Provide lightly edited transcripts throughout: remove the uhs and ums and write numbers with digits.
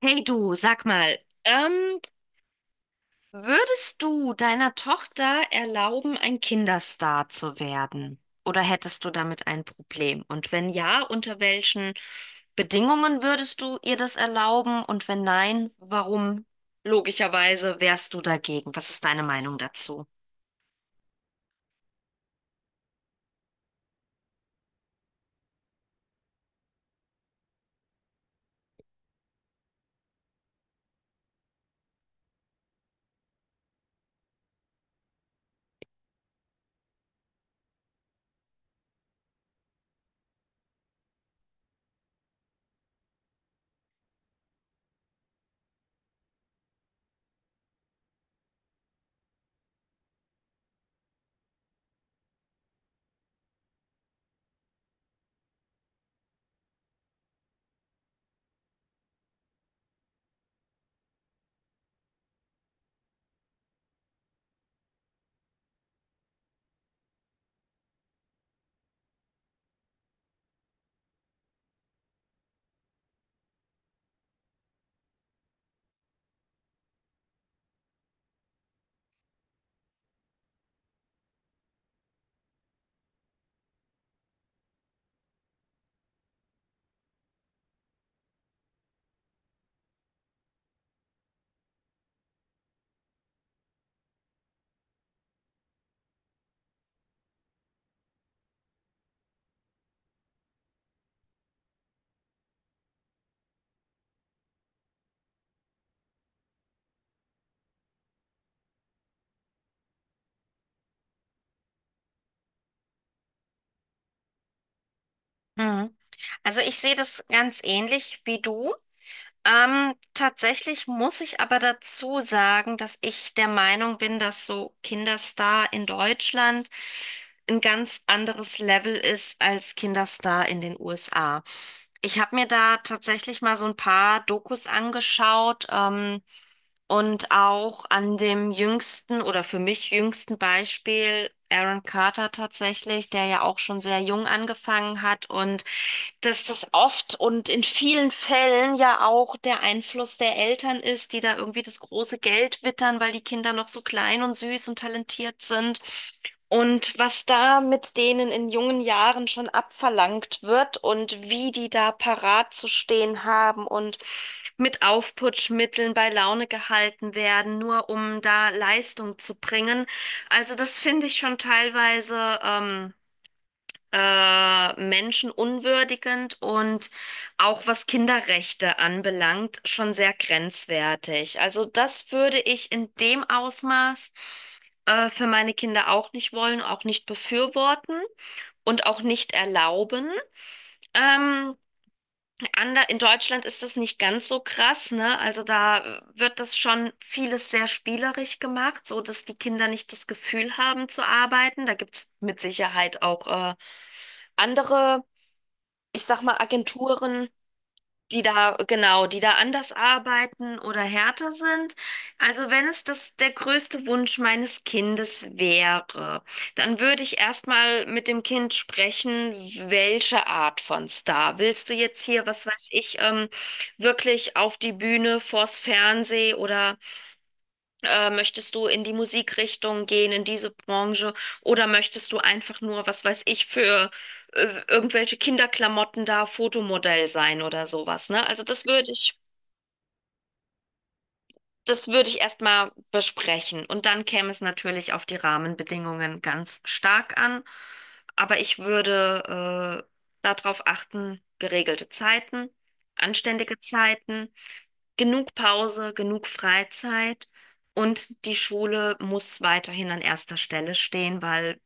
Hey du, sag mal, ähm, würdest du deiner Tochter erlauben, ein Kinderstar zu werden? Oder hättest du damit ein Problem? Und wenn ja, unter welchen Bedingungen würdest du ihr das erlauben? Und wenn nein, warum logischerweise wärst du dagegen? Was ist deine Meinung dazu? Mhm. Also ich sehe das ganz ähnlich wie du. Tatsächlich muss ich aber dazu sagen, dass ich der Meinung bin, dass so Kinderstar in Deutschland ein ganz anderes Level ist als Kinderstar in den USA. Ich habe mir da tatsächlich mal so ein paar Dokus angeschaut, und auch an dem jüngsten oder für mich jüngsten Beispiel Aaron Carter tatsächlich, der ja auch schon sehr jung angefangen hat, und dass das oft und in vielen Fällen ja auch der Einfluss der Eltern ist, die da irgendwie das große Geld wittern, weil die Kinder noch so klein und süß und talentiert sind. Und was da mit denen in jungen Jahren schon abverlangt wird und wie die da parat zu stehen haben und mit Aufputschmitteln bei Laune gehalten werden, nur um da Leistung zu bringen. Also das finde ich schon teilweise menschenunwürdigend und auch, was Kinderrechte anbelangt, schon sehr grenzwertig. Also das würde ich in dem Ausmaß für meine Kinder auch nicht wollen, auch nicht befürworten und auch nicht erlauben. Ähm, Ander in Deutschland ist das nicht ganz so krass, ne? Also da wird das schon vieles sehr spielerisch gemacht, so dass die Kinder nicht das Gefühl haben zu arbeiten. Da gibt's mit Sicherheit auch andere, ich sag mal, Agenturen, die da, genau, die da anders arbeiten oder härter sind. Also wenn es das der größte Wunsch meines Kindes wäre, dann würde ich erstmal mit dem Kind sprechen, welche Art von Star? Willst du jetzt hier, was weiß ich, wirklich auf die Bühne, vors Fernsehen oder möchtest du in die Musikrichtung gehen, in diese Branche, oder möchtest du einfach nur, was weiß ich, für irgendwelche Kinderklamotten da Fotomodell sein oder sowas, ne? Also das würde ich erstmal besprechen. Und dann käme es natürlich auf die Rahmenbedingungen ganz stark an. Aber ich würde darauf achten: geregelte Zeiten, anständige Zeiten, genug Pause, genug Freizeit, und die Schule muss weiterhin an erster Stelle stehen, weil,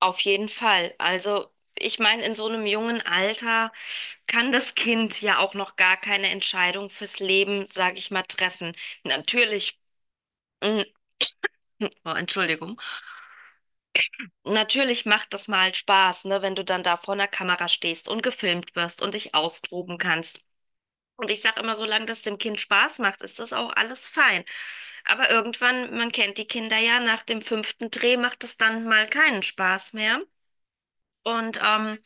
auf jeden Fall, also ich meine, in so einem jungen Alter kann das Kind ja auch noch gar keine Entscheidung fürs Leben, sage ich mal, treffen. Natürlich. mm, Oh, Entschuldigung. Natürlich macht das mal Spaß, ne, wenn du dann da vor einer Kamera stehst und gefilmt wirst und dich austoben kannst. Und ich sage immer, solange das dem Kind Spaß macht, ist das auch alles fein. Aber irgendwann, man kennt die Kinder ja, nach dem fünften Dreh macht es dann mal keinen Spaß mehr. Und ähm,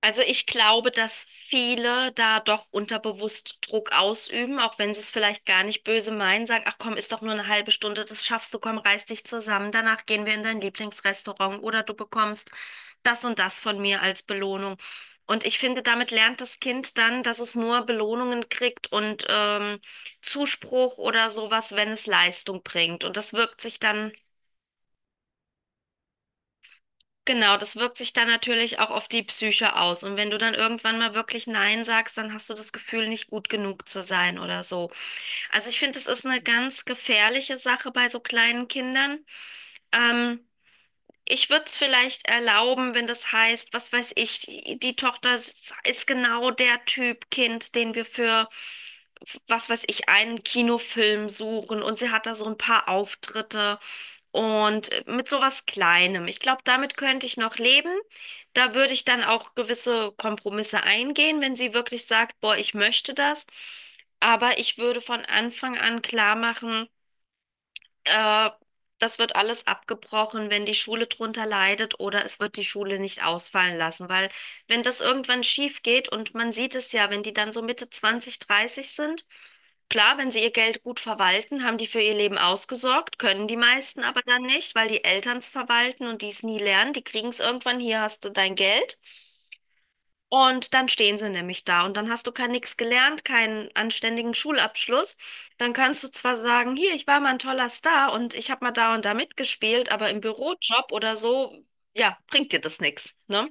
Also ich glaube, dass viele da doch unterbewusst Druck ausüben, auch wenn sie es vielleicht gar nicht böse meinen, sagen, ach komm, ist doch nur eine halbe Stunde, das schaffst du, komm, reiß dich zusammen, danach gehen wir in dein Lieblingsrestaurant oder du bekommst das und das von mir als Belohnung. Und ich finde, damit lernt das Kind dann, dass es nur Belohnungen kriegt und Zuspruch oder sowas, wenn es Leistung bringt. Und das wirkt sich dann, genau, das wirkt sich dann natürlich auch auf die Psyche aus. Und wenn du dann irgendwann mal wirklich nein sagst, dann hast du das Gefühl, nicht gut genug zu sein oder so. Also ich finde, es ist eine ganz gefährliche Sache bei so kleinen Kindern. Ähm, Ich würde es vielleicht erlauben, wenn das heißt, was weiß ich, die Tochter ist genau der Typ Kind, den wir für, was weiß ich, einen Kinofilm suchen, und sie hat da so ein paar Auftritte. Und mit sowas Kleinem. Ich glaube, damit könnte ich noch leben. Da würde ich dann auch gewisse Kompromisse eingehen, wenn sie wirklich sagt, boah, ich möchte das. Aber ich würde von Anfang an klar machen, äh, das wird alles abgebrochen, wenn die Schule drunter leidet, oder es wird die Schule nicht ausfallen lassen, weil wenn das irgendwann schief geht, und man sieht es ja, wenn die dann so Mitte 20, 30 sind. Klar, wenn sie ihr Geld gut verwalten, haben die für ihr Leben ausgesorgt, können die meisten aber dann nicht, weil die Eltern es verwalten und die es nie lernen. Die kriegen es irgendwann, hier hast du dein Geld. Und dann stehen sie nämlich da und dann hast du kein, nix gelernt, keinen anständigen Schulabschluss. Dann kannst du zwar sagen, hier, ich war mal ein toller Star und ich habe mal da und da mitgespielt, aber im Bürojob oder so, ja, bringt dir das nix, ne?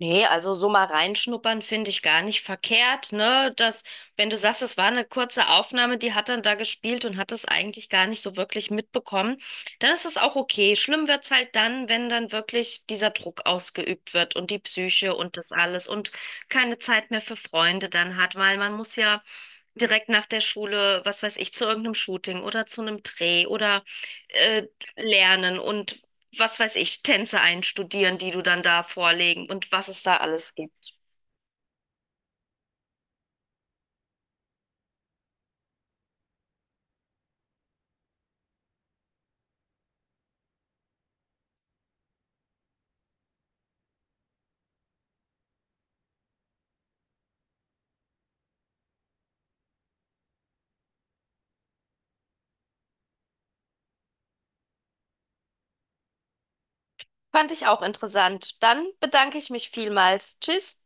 Nee, also so mal reinschnuppern finde ich gar nicht verkehrt, ne? Dass, wenn du sagst, es war eine kurze Aufnahme, die hat dann da gespielt und hat es eigentlich gar nicht so wirklich mitbekommen, dann ist es auch okay. Schlimm wird's halt dann, wenn dann wirklich dieser Druck ausgeübt wird und die Psyche und das alles, und keine Zeit mehr für Freunde dann hat, weil man muss ja direkt nach der Schule, was weiß ich, zu irgendeinem Shooting oder zu einem Dreh oder äh, lernen und, was weiß ich, Tänze einstudieren, die du dann da vorlegen, und was es da alles gibt. Fand ich auch interessant. Dann bedanke ich mich vielmals. Tschüss.